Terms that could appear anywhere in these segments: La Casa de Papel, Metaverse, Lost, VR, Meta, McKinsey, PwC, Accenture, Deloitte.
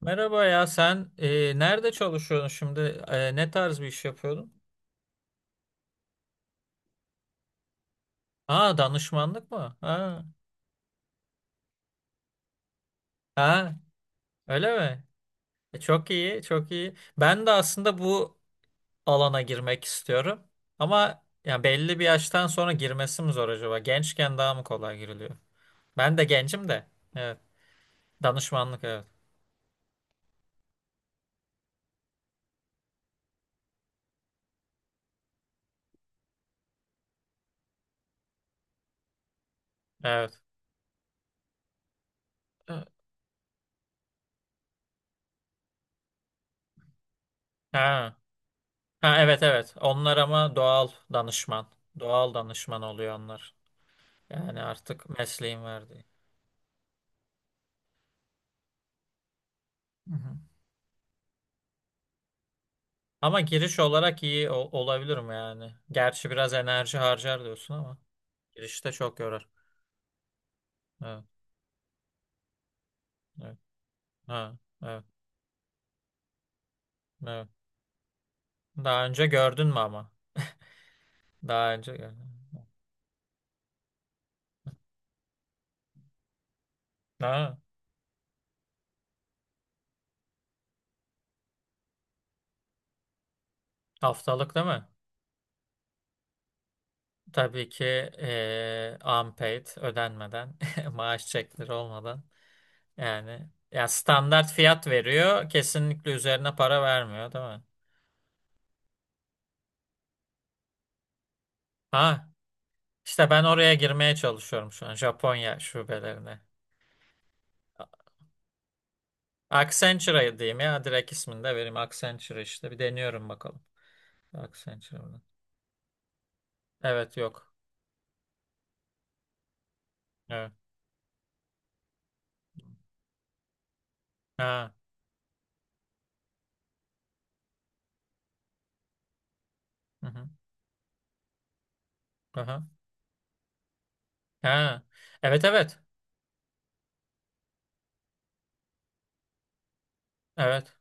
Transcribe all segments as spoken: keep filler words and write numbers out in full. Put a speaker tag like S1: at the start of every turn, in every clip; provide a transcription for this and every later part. S1: Merhaba ya sen e, nerede çalışıyorsun şimdi? E, ne tarz bir iş yapıyordun? Aa, danışmanlık mı? Ha, ha, öyle mi? E, çok iyi, çok iyi. Ben de aslında bu alana girmek istiyorum. Ama ya belli bir yaştan sonra girmesi mi zor acaba? Gençken daha mı kolay giriliyor? Ben de gencim de. Evet. Danışmanlık, evet. Evet. Ha. Ha, evet, evet. Onlar ama doğal danışman. Doğal danışman oluyor onlar. Yani artık mesleğin verdiği. Hı hı. Ama giriş olarak iyi ol- olabilir mi yani? Gerçi biraz enerji harcar diyorsun ama girişte çok yorar. Evet, evet, ha, evet, evet. Daha önce gördün mü ama? Daha önce gördün. Ha, haftalık değil mi? Tabii ki eee unpaid, ödenmeden, maaş çekleri olmadan. Yani ya standart fiyat veriyor, kesinlikle üzerine para vermiyor değil mi? Ha, işte ben oraya girmeye çalışıyorum şu an Japonya şubelerine. Accenture'a diyeyim ya. Direkt ismini de vereyim. Accenture işte. Bir deniyorum bakalım. Accenture buradan. Evet, yok. Evet. Ha. Hı hı. Aha. Ha. Evet, evet. Evet.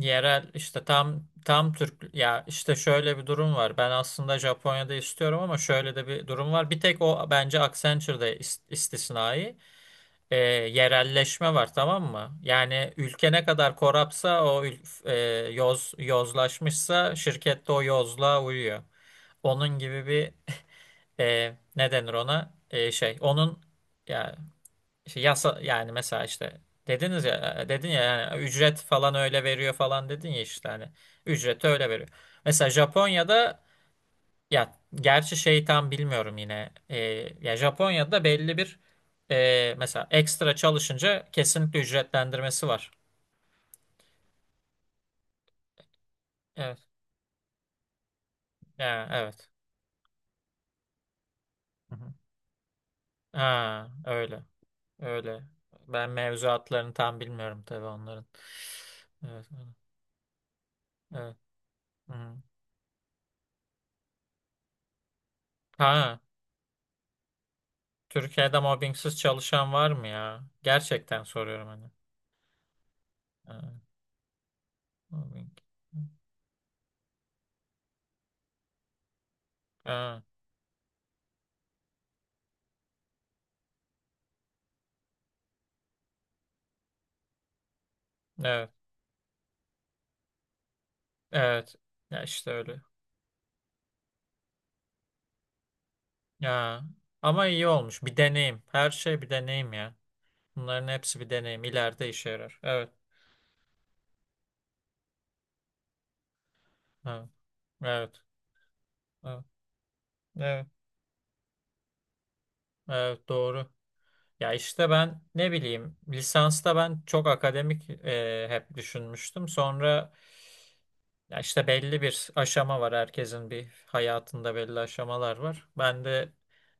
S1: Yerel işte, tam tam Türk ya, işte şöyle bir durum var. Ben aslında Japonya'da istiyorum ama şöyle de bir durum var. Bir tek o bence Accenture'da is- istisnai. Ee, yerelleşme var, tamam mı? Yani ülke ne kadar korapsa o ül- e, yoz yozlaşmışsa şirkette o yozluğa uyuyor. Onun gibi bir e, ne denir ona, E, şey, onun ya işte yasa, yani mesela işte dediniz ya, e, dedin ya yani, ücret falan öyle veriyor falan dedin ya, işte hani ücreti öyle veriyor. Mesela Japonya'da, ya gerçi şey tam bilmiyorum yine, E, ya Japonya'da belli bir e, mesela ekstra çalışınca kesinlikle ücretlendirmesi var. Evet. Ya, evet. Hı hı. Ha, öyle. Öyle. Ben mevzuatlarını tam bilmiyorum tabii onların. Evet. Evet. Hı. Ha. Türkiye'de mobbingsiz çalışan var mı ya? Gerçekten soruyorum hani. Ha, mobbing. Ha, evet. Evet. Ya işte öyle. Ya. Ama iyi olmuş. Bir deneyim. Her şey bir deneyim ya. Bunların hepsi bir deneyim. İleride işe yarar. Evet. Evet. Evet. Evet. Evet. Evet. Doğru. Ya işte ben ne bileyim, lisansta ben çok akademik e, hep düşünmüştüm. Sonra, ya işte belli bir aşama var, herkesin bir hayatında belli aşamalar var. Ben de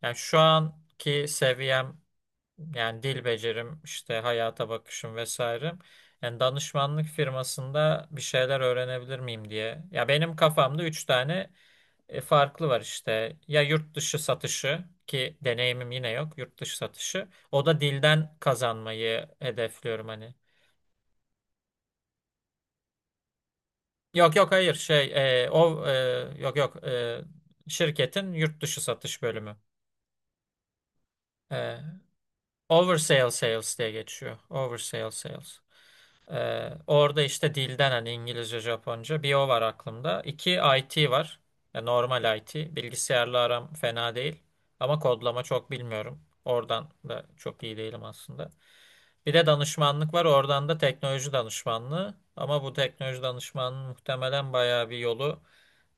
S1: yani şu anki seviyem, yani dil becerim, işte hayata bakışım vesaire. Yani danışmanlık firmasında bir şeyler öğrenebilir miyim diye. Ya benim kafamda üç tane e, farklı var işte. Ya yurt dışı satışı ki deneyimim yine yok. Yurt dışı satışı. O da dilden kazanmayı hedefliyorum hani. Yok, yok, hayır, şey e, o e, yok, yok, e, şirketin yurt dışı satış bölümü. E, Oversale sales diye geçiyor. Oversale sales. Ee, orada işte dilden, hani İngilizce, Japonca, bir o var aklımda. İki I T var. Ya normal I T. Bilgisayarla aram fena değil. Ama kodlama çok bilmiyorum. Oradan da çok iyi değilim aslında. Bir de danışmanlık var. Oradan da teknoloji danışmanlığı. Ama bu teknoloji danışmanlığı muhtemelen bayağı bir yolu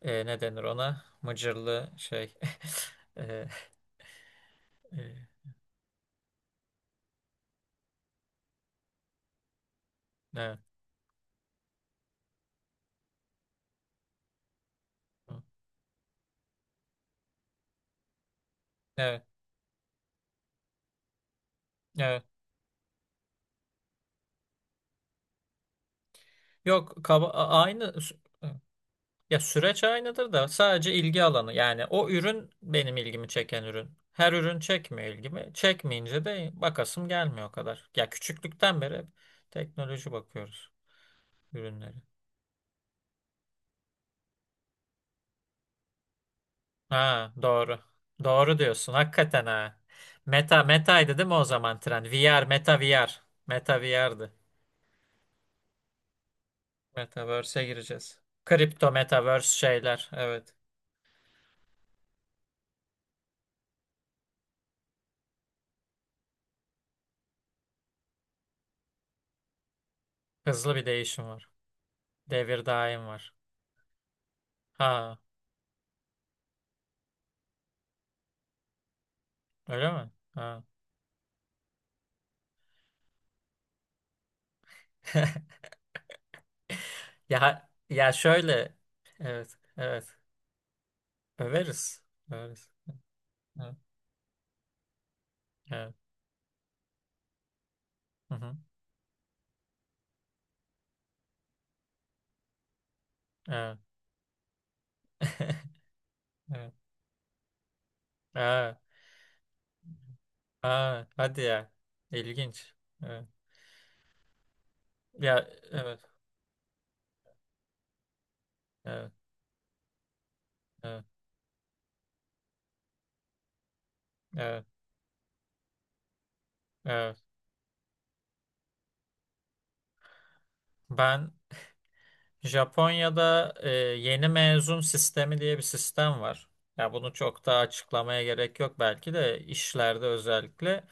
S1: e, ne denir ona? Mıcırlı şey. e, e, evet. Evet. Evet. Yok kaba- a- aynı sü- ya süreç aynıdır da, sadece ilgi alanı, yani o ürün benim ilgimi çeken ürün. Her ürün çekmiyor ilgimi. Çekmeyince de bakasım gelmiyor o kadar. Ya küçüklükten beri hep teknoloji bakıyoruz ürünleri. Ha, doğru. Doğru diyorsun hakikaten, ha. Meta metaydı değil mi o zaman trend? V R, meta V R. Meta V R'dı. Metaverse'e gireceğiz. Kripto, metaverse şeyler, evet. Hızlı bir değişim var. Devir daim var. Ha. Öyle mi? Ha. Ya ya, şöyle. Evet, evet. Överiz. Överiz. Evet. Evet. Hı hı. Evet. Evet. Aa, aa, hadi ya. İlginç. Evet. Ya, evet. Evet. Evet. Evet. Evet. Ben Japonya'da e, yeni mezun sistemi diye bir sistem var. Ya bunu çok daha açıklamaya gerek yok belki de, işlerde özellikle.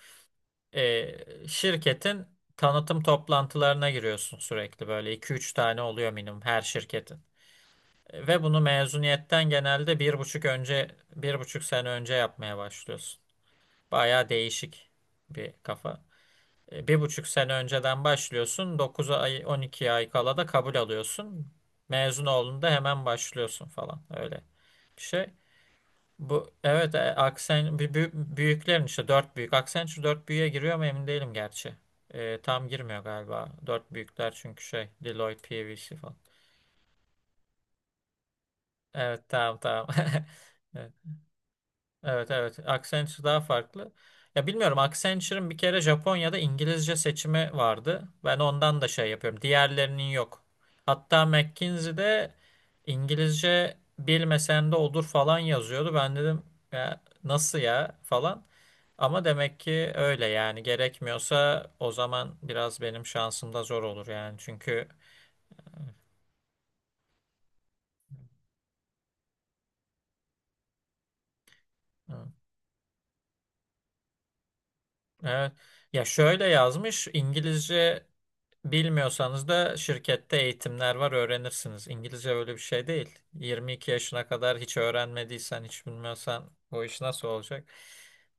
S1: e, şirketin tanıtım toplantılarına giriyorsun, sürekli böyle iki üç tane oluyor minimum her şirketin. E, Ve bunu mezuniyetten genelde bir buçuk önce bir buçuk sene önce yapmaya başlıyorsun. Bayağı değişik bir kafa. E, Bir buçuk sene önceden başlıyorsun. Dokuz ay, on iki ay kala da kabul alıyorsun. Mezun olduğunda hemen başlıyorsun falan, öyle bir şey. Bu evet, e, aksen bir büyük, büyüklerin, işte dört büyük. Accenture dört büyüğe giriyor mu emin değilim gerçi. E, tam girmiyor galiba. Dört büyükler çünkü şey Deloitte, PwC falan. Evet, tamam, tamam. Evet, evet. Evet. Accenture daha farklı. Ya bilmiyorum, Accenture'ın bir kere Japonya'da İngilizce seçimi vardı. Ben ondan da şey yapıyorum. Diğerlerinin yok. Hatta McKinsey'de İngilizce bilmesen de olur falan yazıyordu. Ben dedim, ya nasıl ya falan. Ama demek ki öyle, yani gerekmiyorsa o zaman biraz benim şansım da zor olur yani, çünkü, hı, evet, ya şöyle yazmış: İngilizce bilmiyorsanız da şirkette eğitimler var, öğrenirsiniz. İngilizce öyle bir şey değil. yirmi iki yaşına kadar hiç öğrenmediysen, hiç bilmiyorsan o iş nasıl olacak?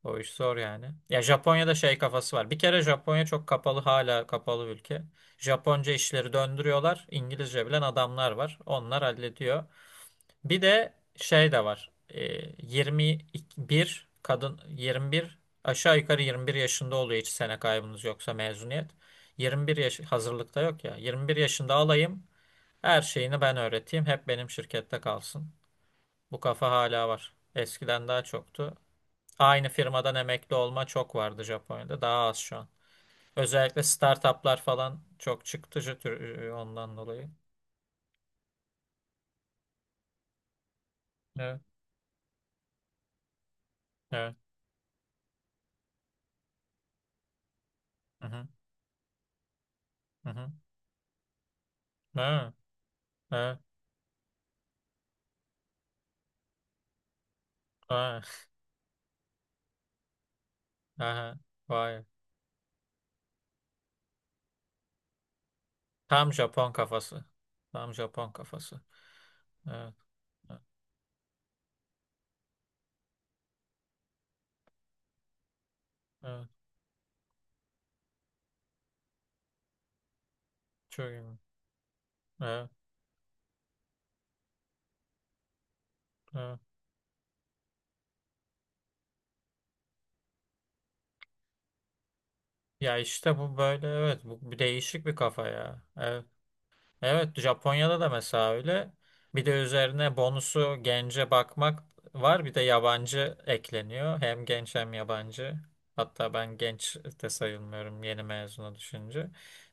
S1: O iş zor yani. Ya Japonya'da şey kafası var. Bir kere Japonya çok kapalı, hala kapalı ülke. Japonca işleri döndürüyorlar. İngilizce bilen adamlar var. Onlar hallediyor. Bir de şey de var. Ee, yirmi bir kadın, yirmi bir, aşağı yukarı yirmi bir yaşında oluyor, hiç sene kaybınız yoksa mezuniyet. Yirmi bir yaş hazırlıkta yok ya. Yirmi bir yaşında alayım. Her şeyini ben öğreteyim. Hep benim şirkette kalsın. Bu kafa hala var. Eskiden daha çoktu. Aynı firmadan emekli olma çok vardı Japonya'da. Daha az şu an. Özellikle startuplar falan çok çıktı şu tür- ondan dolayı. Evet. Evet. Hı hı. Hı hı. Evet. Evet. Evet. Aha, vay. Tam Japon kafası. Tam Japon kafası. Evet, evet, evet. Çok iyi. Evet, evet. Ya işte bu böyle evet, bu bir değişik bir kafa ya. Evet. Evet, Japonya'da da mesela öyle. Bir de üzerine bonusu gence bakmak var. Bir de yabancı ekleniyor. Hem genç hem yabancı. Hatta ben genç de sayılmıyorum yeni mezuna düşünce.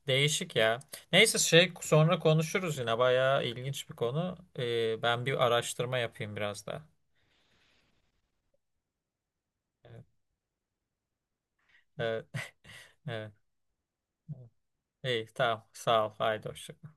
S1: Değişik ya. Neyse, şey sonra konuşuruz yine. Bayağı ilginç bir konu. Ee, ben bir araştırma yapayım biraz daha. Evet, evet, evet. İyi, tamam. Sağ ol. Haydi hoşça kal.